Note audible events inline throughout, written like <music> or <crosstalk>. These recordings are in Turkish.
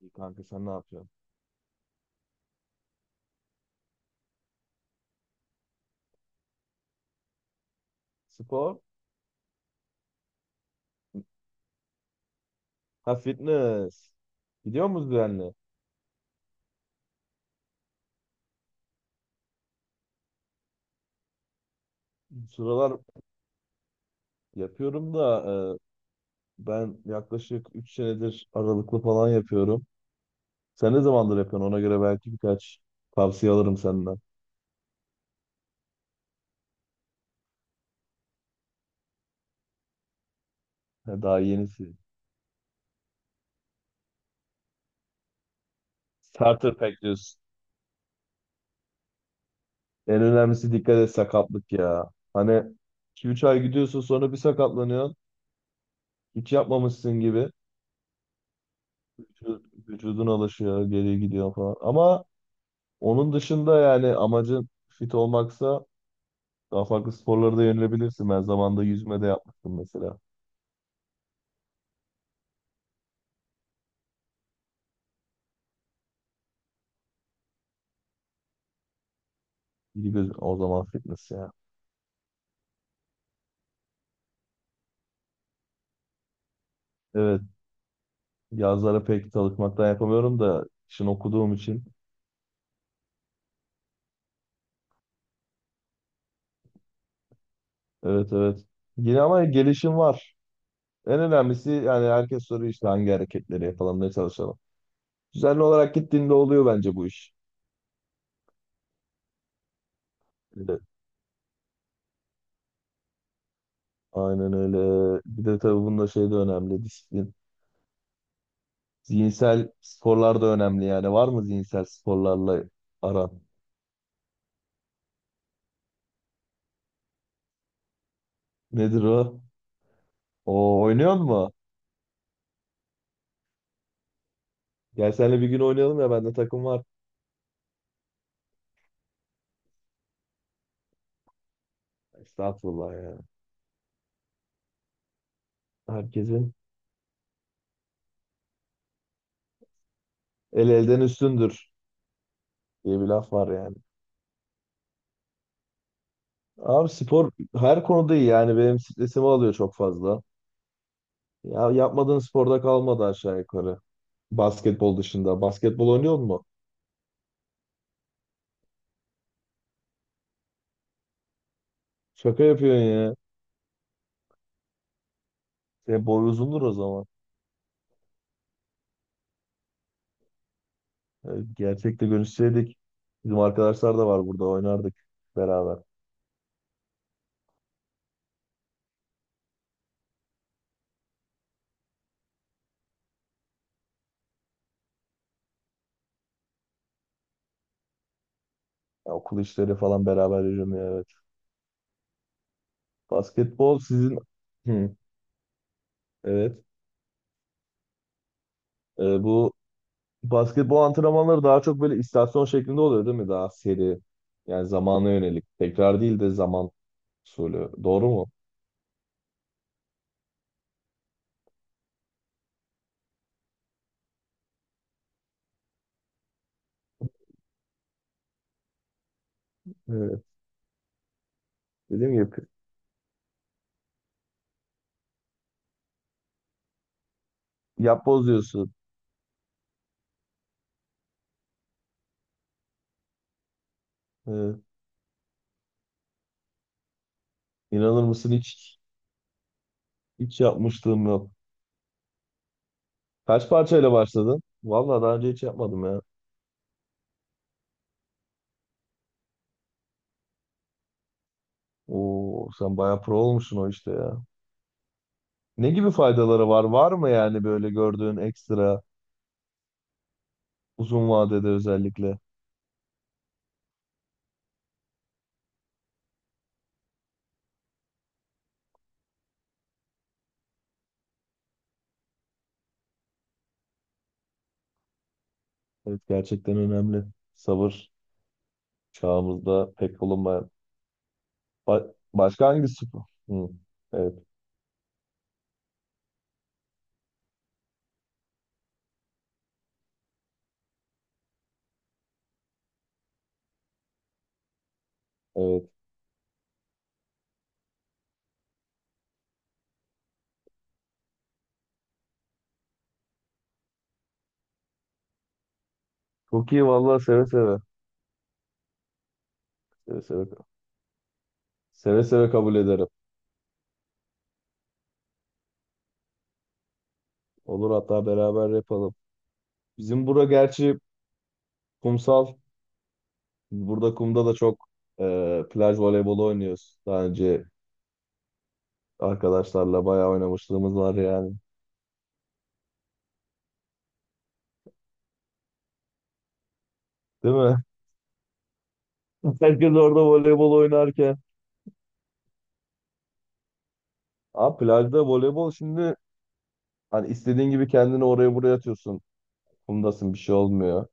İyi kanka sen ne yapıyorsun? Spor? Ha fitness. Gidiyor musun düzenli? Sıralar yapıyorum da e, ben yaklaşık 3 senedir aralıklı falan yapıyorum. Sen ne zamandır yapıyorsun? Ona göre belki birkaç tavsiye alırım senden. Ha, daha yenisi. Starter pack diyorsun. En önemlisi dikkat et sakatlık ya. Hani iki üç ay gidiyorsun sonra bir sakatlanıyorsun. Hiç yapmamışsın gibi. Vücud- Vücudun alışıyor, geri gidiyor falan. Ama onun dışında yani amacın fit olmaksa daha farklı sporlara da yönelebilirsin. Ben zamanında yüzme de yapmıştım mesela. İyi göz o zaman fitness ya. Evet, yazlara pek çalışmaktan yapamıyorum da işin okuduğum için. Evet, evet. Yine ama gelişim var. En önemlisi yani herkes soruyor işte hangi hareketleri yapalım, ne çalışalım. Düzenli olarak gittiğinde oluyor bence bu iş. Evet, aynen öyle. Bir de tabii bunda şey de önemli, disiplin. Zihinsel sporlar da önemli yani. Var mı zihinsel sporlarla aran? Nedir o? O oynuyor mu? Gel senle bir gün oynayalım ya bende takım var. Estağfurullah ya. Herkesin el elden üstündür diye bir laf var yani. Abi spor her konuda iyi yani benim stresimi alıyor çok fazla. Ya yapmadığın sporda kalmadı aşağı yukarı. Basketbol dışında. Basketbol oynuyor mu? Şaka yapıyorsun ya. Senin boy uzundur o zaman. Yani gerçekte görüşseydik bizim arkadaşlar da var, burada oynardık beraber. Ya okul işleri falan beraber yürümüyor, evet. Basketbol sizin... Hı, evet. Bu basketbol antrenmanları daha çok böyle istasyon şeklinde oluyor değil mi? Daha seri. Yani zamana yönelik. Tekrar değil de zaman usulü. Doğru mu? Evet. Dediğim gibi yapboz diyorsun. Evet. İnanır mısın hiç yapmışlığım yok. Kaç parçayla başladın? Vallahi daha önce hiç yapmadım ya. Oo, sen bayağı pro olmuşsun o işte ya. Ne gibi faydaları var? Var mı yani böyle gördüğün ekstra uzun vadede özellikle? Evet, gerçekten önemli. Sabır çağımızda pek bulunmayan. Başka hangi spor? Hı, evet, evet. Çok iyi vallahi, seve seve. Seve seve. Seve seve kabul ederim. Olur, hatta beraber yapalım. Bizim bura gerçi kumsal. Burada kumda da çok plaj voleybolu oynuyoruz. Daha önce arkadaşlarla bayağı oynamışlığımız var yani. Değil mi? <laughs> Herkes orada voleybol oynarken. Abi plajda voleybol şimdi hani istediğin gibi kendini oraya buraya atıyorsun. Kumdasın, bir şey olmuyor.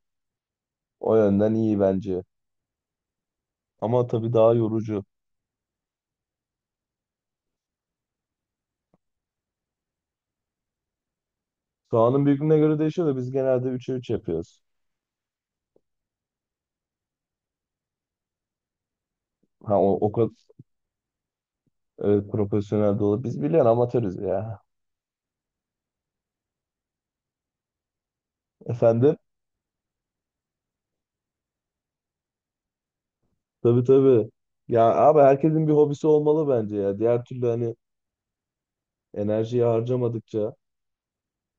O yönden iyi bence. Ama tabii daha yorucu. Sahanın büyüklüğüne göre değişiyor da biz genelde 3'e 3 yapıyoruz. Ha o, o kadar profesyonel de olur. Biz biliyorsun amatörüz ya. <laughs> Efendim? Tabii, tabii. Ya abi herkesin bir hobisi olmalı bence ya. Diğer türlü hani enerjiyi harcamadıkça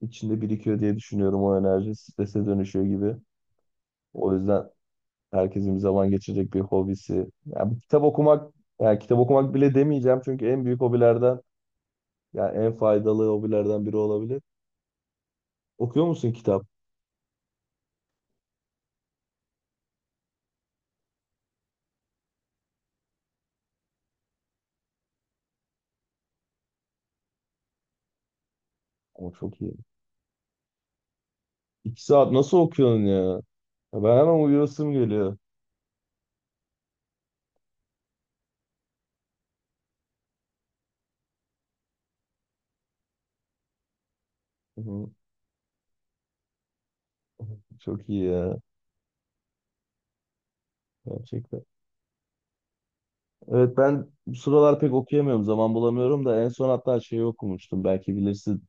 içinde birikiyor diye düşünüyorum o enerji. Strese dönüşüyor gibi. O yüzden herkesin bir zaman geçirecek bir hobisi. Ya bir kitap okumak, yani kitap okumak bile demeyeceğim çünkü en büyük hobilerden, yani en faydalı hobilerden biri olabilir. Okuyor musun kitap? O çok iyi. İki saat nasıl okuyorsun ya? Ya ben hemen uyuyasım geliyor. Hı hı, çok iyi ya. Gerçekten. Evet, ben bu sıralar pek okuyamıyorum. Zaman bulamıyorum da en son hatta şeyi okumuştum. Belki bilirsin.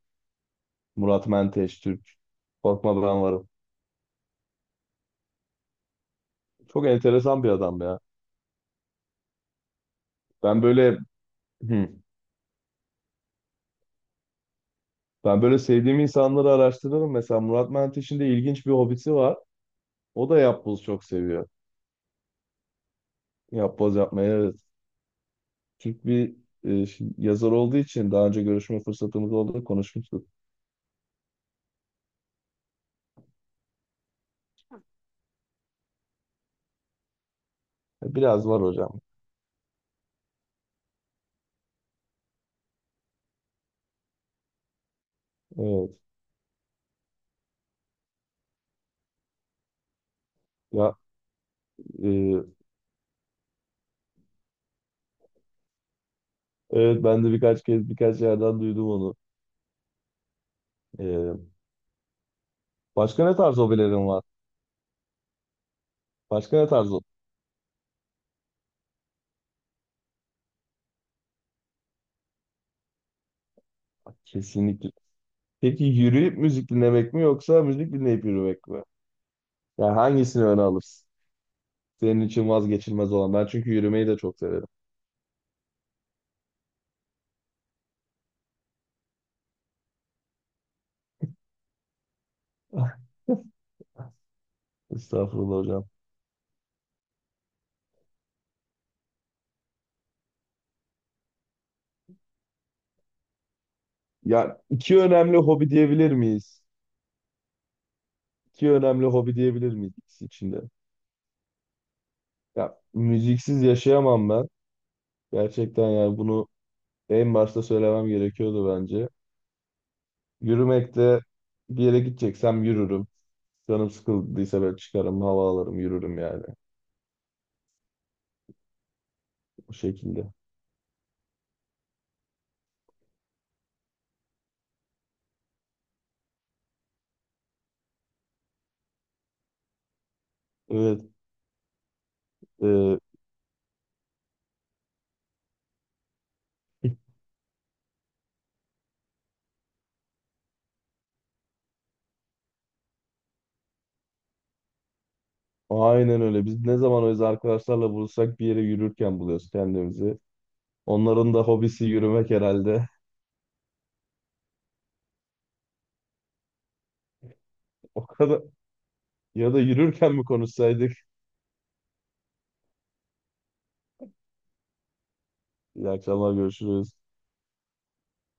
Murat Menteş Türk. Korkma Ben Varım. Çok enteresan bir adam ya. Ben böyle, hı, ben böyle sevdiğim insanları araştırırım. Mesela Murat Menteş'in de ilginç bir hobisi var. O da yapboz çok seviyor. Yapboz yapmayı, evet. Türk bir e, yazar olduğu için daha önce görüşme fırsatımız oldu, konuşmuştuk. Biraz var hocam. Evet. Ya e, evet, ben de birkaç kez birkaç yerden duydum onu. E, başka ne tarz hobilerin var? Başka ne tarz? Kesinlikle. Peki yürüyüp müzik dinlemek mi yoksa müzik dinleyip yürümek mi? Yani hangisini öne alırsın? Senin için vazgeçilmez olan. Ben çünkü yürümeyi de çok severim. <laughs> Estağfurullah hocam. Ya iki önemli hobi diyebilir miyiz? İki önemli hobi diyebilir miyiz ikisi içinde? Ya müziksiz yaşayamam ben. Gerçekten yani bunu en başta söylemem gerekiyordu bence. Yürümekte bir yere gideceksem yürürüm. Canım sıkıldıysa ben çıkarım, hava alırım, yürürüm yani. Bu şekilde. Evet, e, aynen öyle. Biz ne zaman öz arkadaşlarla buluşsak bir yere yürürken buluyoruz kendimizi. Onların da hobisi yürümek herhalde. <laughs> O kadar. Ya da yürürken mi konuşsaydık? İyi akşamlar, görüşürüz.